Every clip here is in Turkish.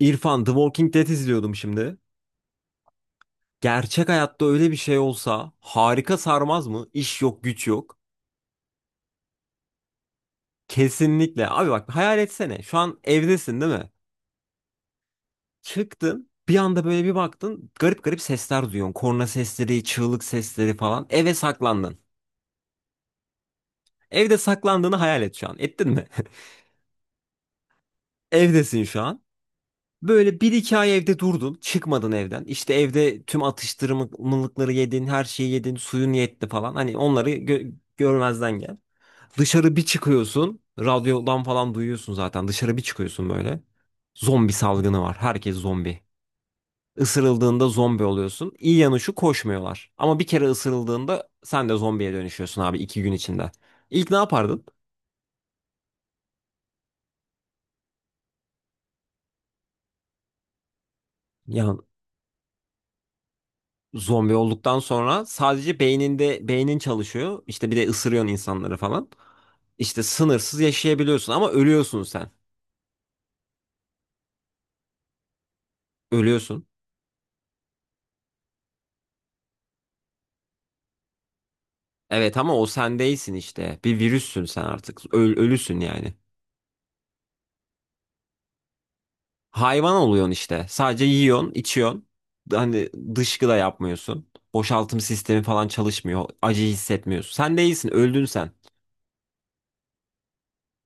İrfan, The Walking Dead izliyordum şimdi. Gerçek hayatta öyle bir şey olsa harika sarmaz mı? İş yok, güç yok. Kesinlikle. Abi bak hayal etsene. Şu an evdesin değil mi? Çıktın. Bir anda böyle bir baktın. Garip garip sesler duyuyorsun. Korna sesleri, çığlık sesleri falan. Eve saklandın. Evde saklandığını hayal et şu an. Ettin mi? Evdesin şu an. Böyle bir iki ay evde durdun. Çıkmadın evden. İşte evde tüm atıştırmalıkları yedin. Her şeyi yedin. Suyun yetti falan. Hani onları görmezden gel. Dışarı bir çıkıyorsun. Radyodan falan duyuyorsun zaten. Dışarı bir çıkıyorsun böyle. Zombi salgını var. Herkes zombi. Isırıldığında zombi oluyorsun. İyi yanı şu koşmuyorlar. Ama bir kere ısırıldığında sen de zombiye dönüşüyorsun abi 2 gün içinde. İlk ne yapardın? Ya zombi olduktan sonra sadece beyninde beynin çalışıyor. İşte bir de ısırıyorsun insanları falan. İşte sınırsız yaşayabiliyorsun ama ölüyorsun sen. Ölüyorsun. Evet ama o sen değilsin işte. Bir virüssün sen artık. Ölüsün yani. Hayvan oluyorsun işte. Sadece yiyorsun, içiyorsun. Hani dışkı da yapmıyorsun. Boşaltım sistemi falan çalışmıyor. Acı hissetmiyorsun. Sen değilsin, öldün sen.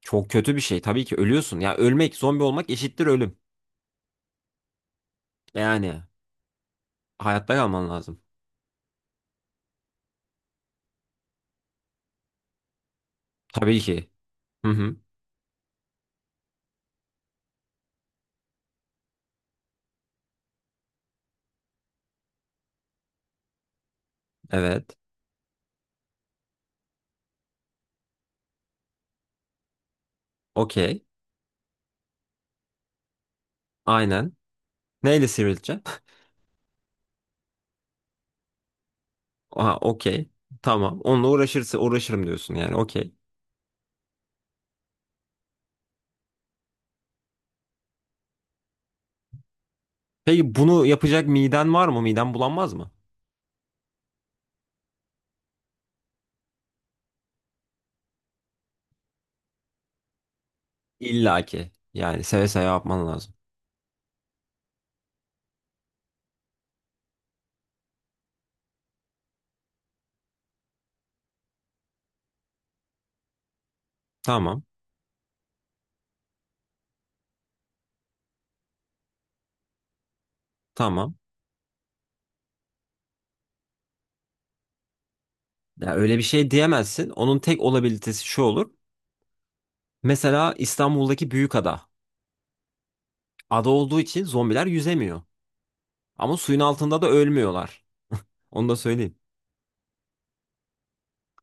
Çok kötü bir şey. Tabii ki ölüyorsun. Ya ölmek, zombi olmak eşittir ölüm. Yani hayatta kalman lazım. Tabii ki. Hı hı. Evet. Okey. Aynen. Neyle sivrileceksin? Aha, okey. Tamam. Onunla uğraşırsa uğraşırım diyorsun yani. Okey. Peki bunu yapacak miden var mı? Miden bulanmaz mı? İlla ki. Yani seve seve yapman lazım. Tamam. Tamam. Ya öyle bir şey diyemezsin. Onun tek olabilitesi şu olur. Mesela İstanbul'daki büyük ada. Ada olduğu için zombiler yüzemiyor. Ama suyun altında da ölmüyorlar. Onu da söyleyeyim.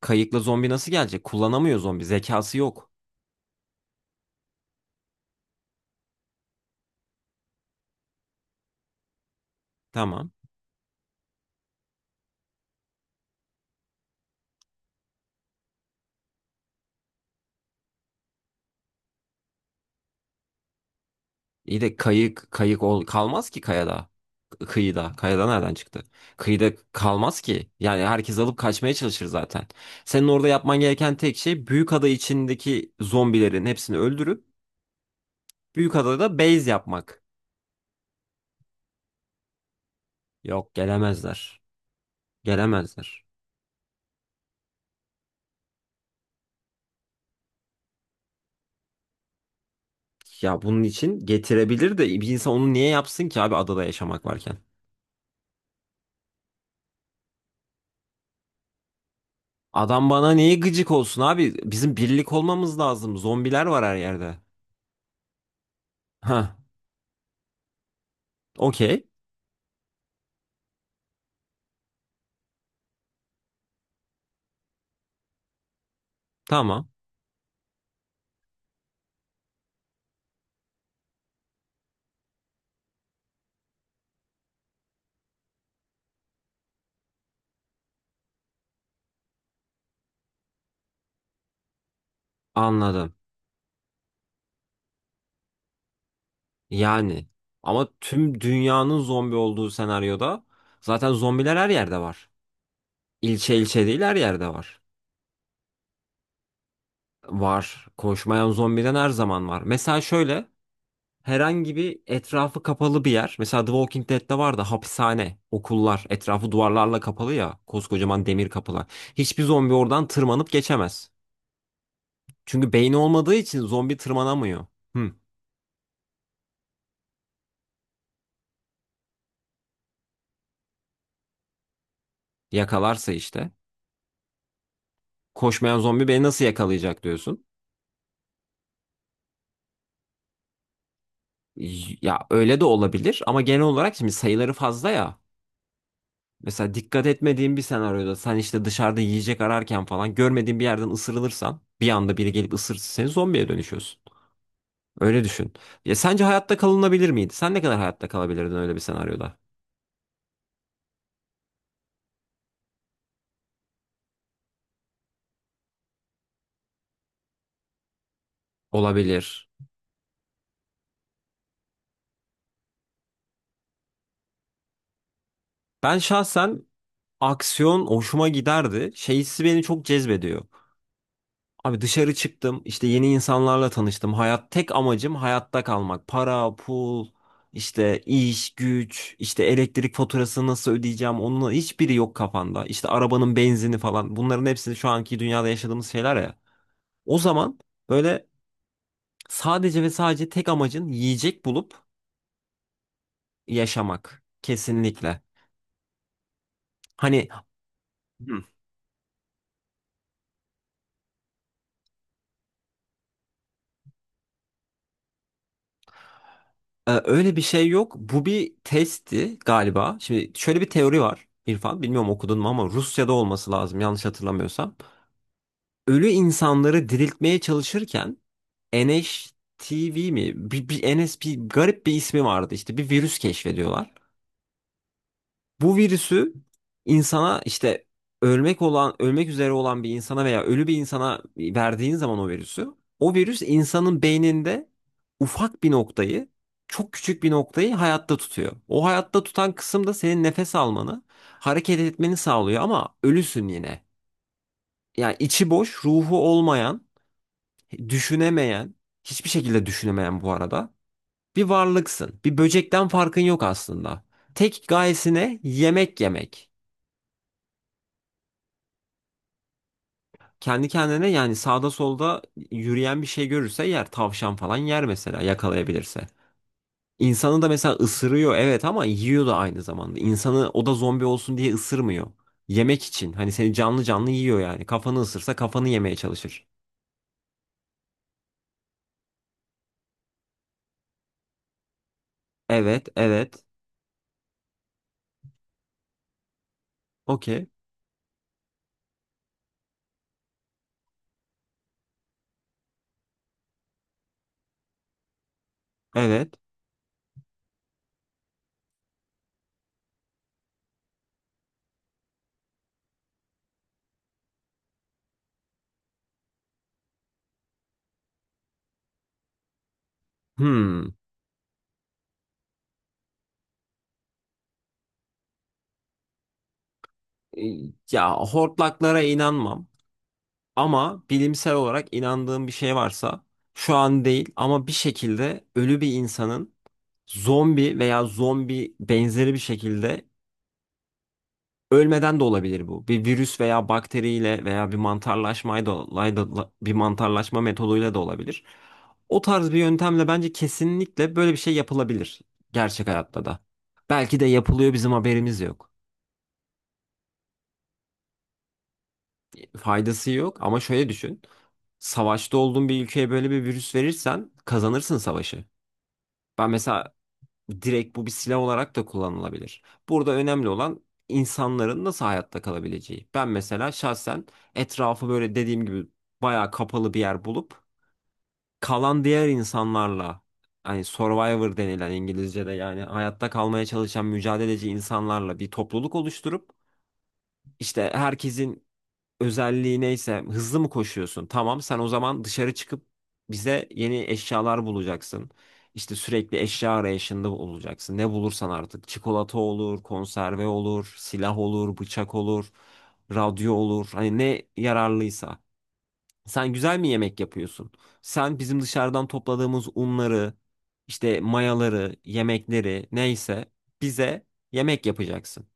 Kayıkla zombi nasıl gelecek? Kullanamıyor zombi. Zekası yok. Tamam. İyi de kayık kayık ol kalmaz ki kayada. Kıyıda. Kayada nereden çıktı? Kıyıda kalmaz ki. Yani herkes alıp kaçmaya çalışır zaten. Senin orada yapman gereken tek şey büyük ada içindeki zombilerin hepsini öldürüp büyük adada base yapmak. Yok gelemezler. Gelemezler. Ya bunun için getirebilir de bir insan onu niye yapsın ki abi adada yaşamak varken? Adam bana niye gıcık olsun abi? Bizim birlik olmamız lazım. Zombiler var her yerde. Ha, okey. Tamam. Anladım. Yani ama tüm dünyanın zombi olduğu senaryoda zaten zombiler her yerde var. İlçe ilçe değil her yerde var. Var. Koşmayan zombiden her zaman var. Mesela şöyle herhangi bir etrafı kapalı bir yer. Mesela The Walking Dead'de var da hapishane, okullar, etrafı duvarlarla kapalı ya, koskocaman demir kapılar. Hiçbir zombi oradan tırmanıp geçemez. Çünkü beyni olmadığı için zombi tırmanamıyor. Hı, yakalarsa işte. Koşmayan zombi beni nasıl yakalayacak diyorsun. Ya öyle de olabilir ama genel olarak şimdi sayıları fazla ya. Mesela dikkat etmediğin bir senaryoda sen işte dışarıda yiyecek ararken falan görmediğin bir yerden ısırılırsan bir anda biri gelip ısırırsa seni zombiye dönüşüyorsun. Öyle düşün. Ya sence hayatta kalınabilir miydi? Sen ne kadar hayatta kalabilirdin öyle bir senaryoda? Olabilir. Ben şahsen aksiyon hoşuma giderdi. Şey beni çok cezbediyor. Abi dışarı çıktım, işte yeni insanlarla tanıştım. Hayat tek amacım hayatta kalmak. Para, pul, işte iş, güç, işte elektrik faturasını nasıl ödeyeceğim onun hiçbiri yok kafanda. İşte arabanın benzini falan. Bunların hepsini şu anki dünyada yaşadığımız şeyler ya. O zaman böyle sadece ve sadece tek amacın yiyecek bulup yaşamak. Kesinlikle. Hani Hı. Öyle bir şey yok. Bu bir testti galiba. Şimdi şöyle bir teori var. İrfan bilmiyorum okudun mu ama Rusya'da olması lazım yanlış hatırlamıyorsam. Ölü insanları diriltmeye çalışırken NHTV mi? Bir NS bir garip bir ismi vardı işte bir virüs keşfediyorlar. Bu virüsü insana işte ölmek olan, ölmek üzere olan bir insana veya ölü bir insana verdiğin zaman o virüsü, o virüs insanın beyninde ufak bir noktayı, çok küçük bir noktayı hayatta tutuyor. O hayatta tutan kısım da senin nefes almanı, hareket etmeni sağlıyor ama ölüsün yine. Yani içi boş, ruhu olmayan, düşünemeyen, hiçbir şekilde düşünemeyen bu arada bir varlıksın. Bir böcekten farkın yok aslında. Tek gayesine yemek yemek. Kendi kendine yani sağda solda yürüyen bir şey görürse yer. Tavşan falan yer mesela yakalayabilirse. İnsanı da mesela ısırıyor evet ama yiyor da aynı zamanda. İnsanı o da zombi olsun diye ısırmıyor. Yemek için hani seni canlı canlı yiyor yani. Kafanı ısırsa kafanı yemeye çalışır. Evet evet, okey, evet, hmm. E, Ya hortlaklara inanmam. Ama bilimsel olarak inandığım bir şey varsa şu an değil ama bir şekilde ölü bir insanın zombi veya zombi benzeri bir şekilde ölmeden de olabilir bu. Bir virüs veya bakteriyle veya bir mantarlaşmayla da bir mantarlaşma metoduyla da olabilir. O tarz bir yöntemle bence kesinlikle böyle bir şey yapılabilir gerçek hayatta da. Belki de yapılıyor bizim haberimiz yok. Faydası yok ama şöyle düşün. Savaşta olduğun bir ülkeye böyle bir virüs verirsen kazanırsın savaşı. Ben mesela direkt bu bir silah olarak da kullanılabilir. Burada önemli olan insanların nasıl hayatta kalabileceği. Ben mesela şahsen etrafı böyle dediğim gibi bayağı kapalı bir yer bulup kalan diğer insanlarla hani survivor denilen İngilizce'de yani hayatta kalmaya çalışan mücadeleci insanlarla bir topluluk oluşturup işte herkesin özelliği neyse hızlı mı koşuyorsun? Tamam sen o zaman dışarı çıkıp bize yeni eşyalar bulacaksın. İşte sürekli eşya arayışında olacaksın. Ne bulursan artık çikolata olur, konserve olur, silah olur, bıçak olur, radyo olur. Hani ne yararlıysa. Sen güzel mi yemek yapıyorsun? Sen bizim dışarıdan topladığımız unları, işte mayaları, yemekleri neyse bize yemek yapacaksın.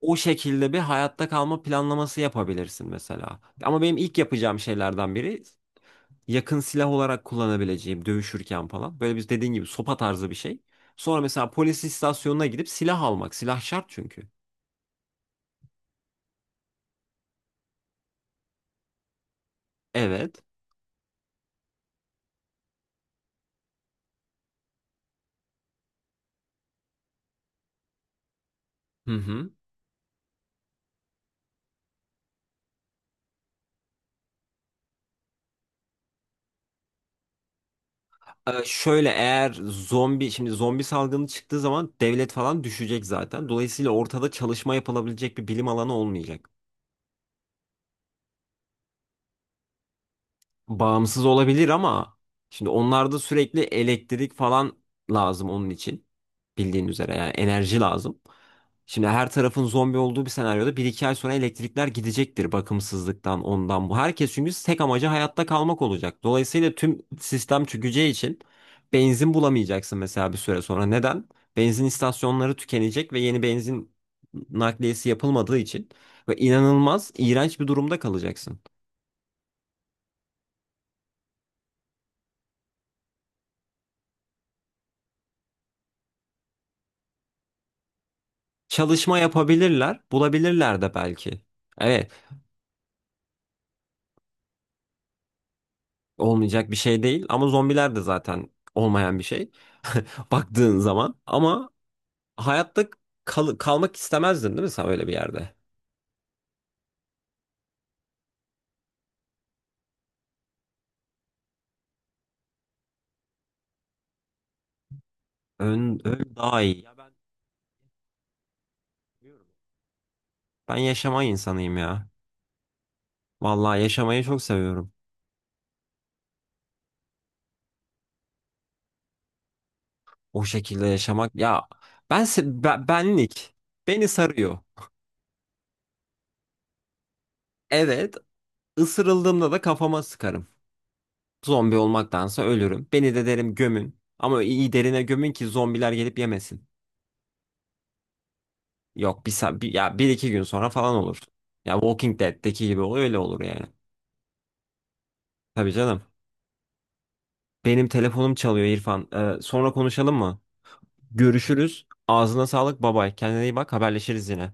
O şekilde bir hayatta kalma planlaması yapabilirsin mesela. Ama benim ilk yapacağım şeylerden biri yakın silah olarak kullanabileceğim dövüşürken falan. Böyle biz dediğin gibi sopa tarzı bir şey. Sonra mesela polis istasyonuna gidip silah almak. Silah şart çünkü. Evet. Hı hı. Şöyle eğer zombi şimdi zombi salgını çıktığı zaman devlet falan düşecek zaten. Dolayısıyla ortada çalışma yapılabilecek bir bilim alanı olmayacak. Bağımsız olabilir ama şimdi onlarda sürekli elektrik falan lazım onun için. Bildiğin üzere yani enerji lazım. Şimdi her tarafın zombi olduğu bir senaryoda bir iki ay sonra elektrikler gidecektir bakımsızlıktan ondan bu. Herkes çünkü tek amacı hayatta kalmak olacak. Dolayısıyla tüm sistem çökeceği için benzin bulamayacaksın mesela bir süre sonra. Neden? Benzin istasyonları tükenecek ve yeni benzin nakliyesi yapılmadığı için ve inanılmaz iğrenç bir durumda kalacaksın. Çalışma yapabilirler, bulabilirler de belki. Evet, olmayacak bir şey değil ama zombiler de zaten olmayan bir şey baktığın zaman. Ama hayatta kalmak istemezdin değil mi sen öyle bir yerde? Ön, ön daha iyi. Ya ben bilmiyorum. Ben yaşama insanıyım ya. Vallahi yaşamayı çok seviyorum. O şekilde yaşamak ya ben benlik beni sarıyor. Evet, ısırıldığımda da kafama sıkarım. Zombi olmaktansa ölürüm. Beni de derim gömün. Ama iyi derine gömün ki zombiler gelip yemesin. Yok ya bir iki gün sonra falan olur. Ya Walking Dead'deki gibi oluyor öyle olur yani. Tabii canım. Benim telefonum çalıyor İrfan. Sonra konuşalım mı? Görüşürüz. Ağzına sağlık. Babay. Kendine iyi bak. Haberleşiriz yine.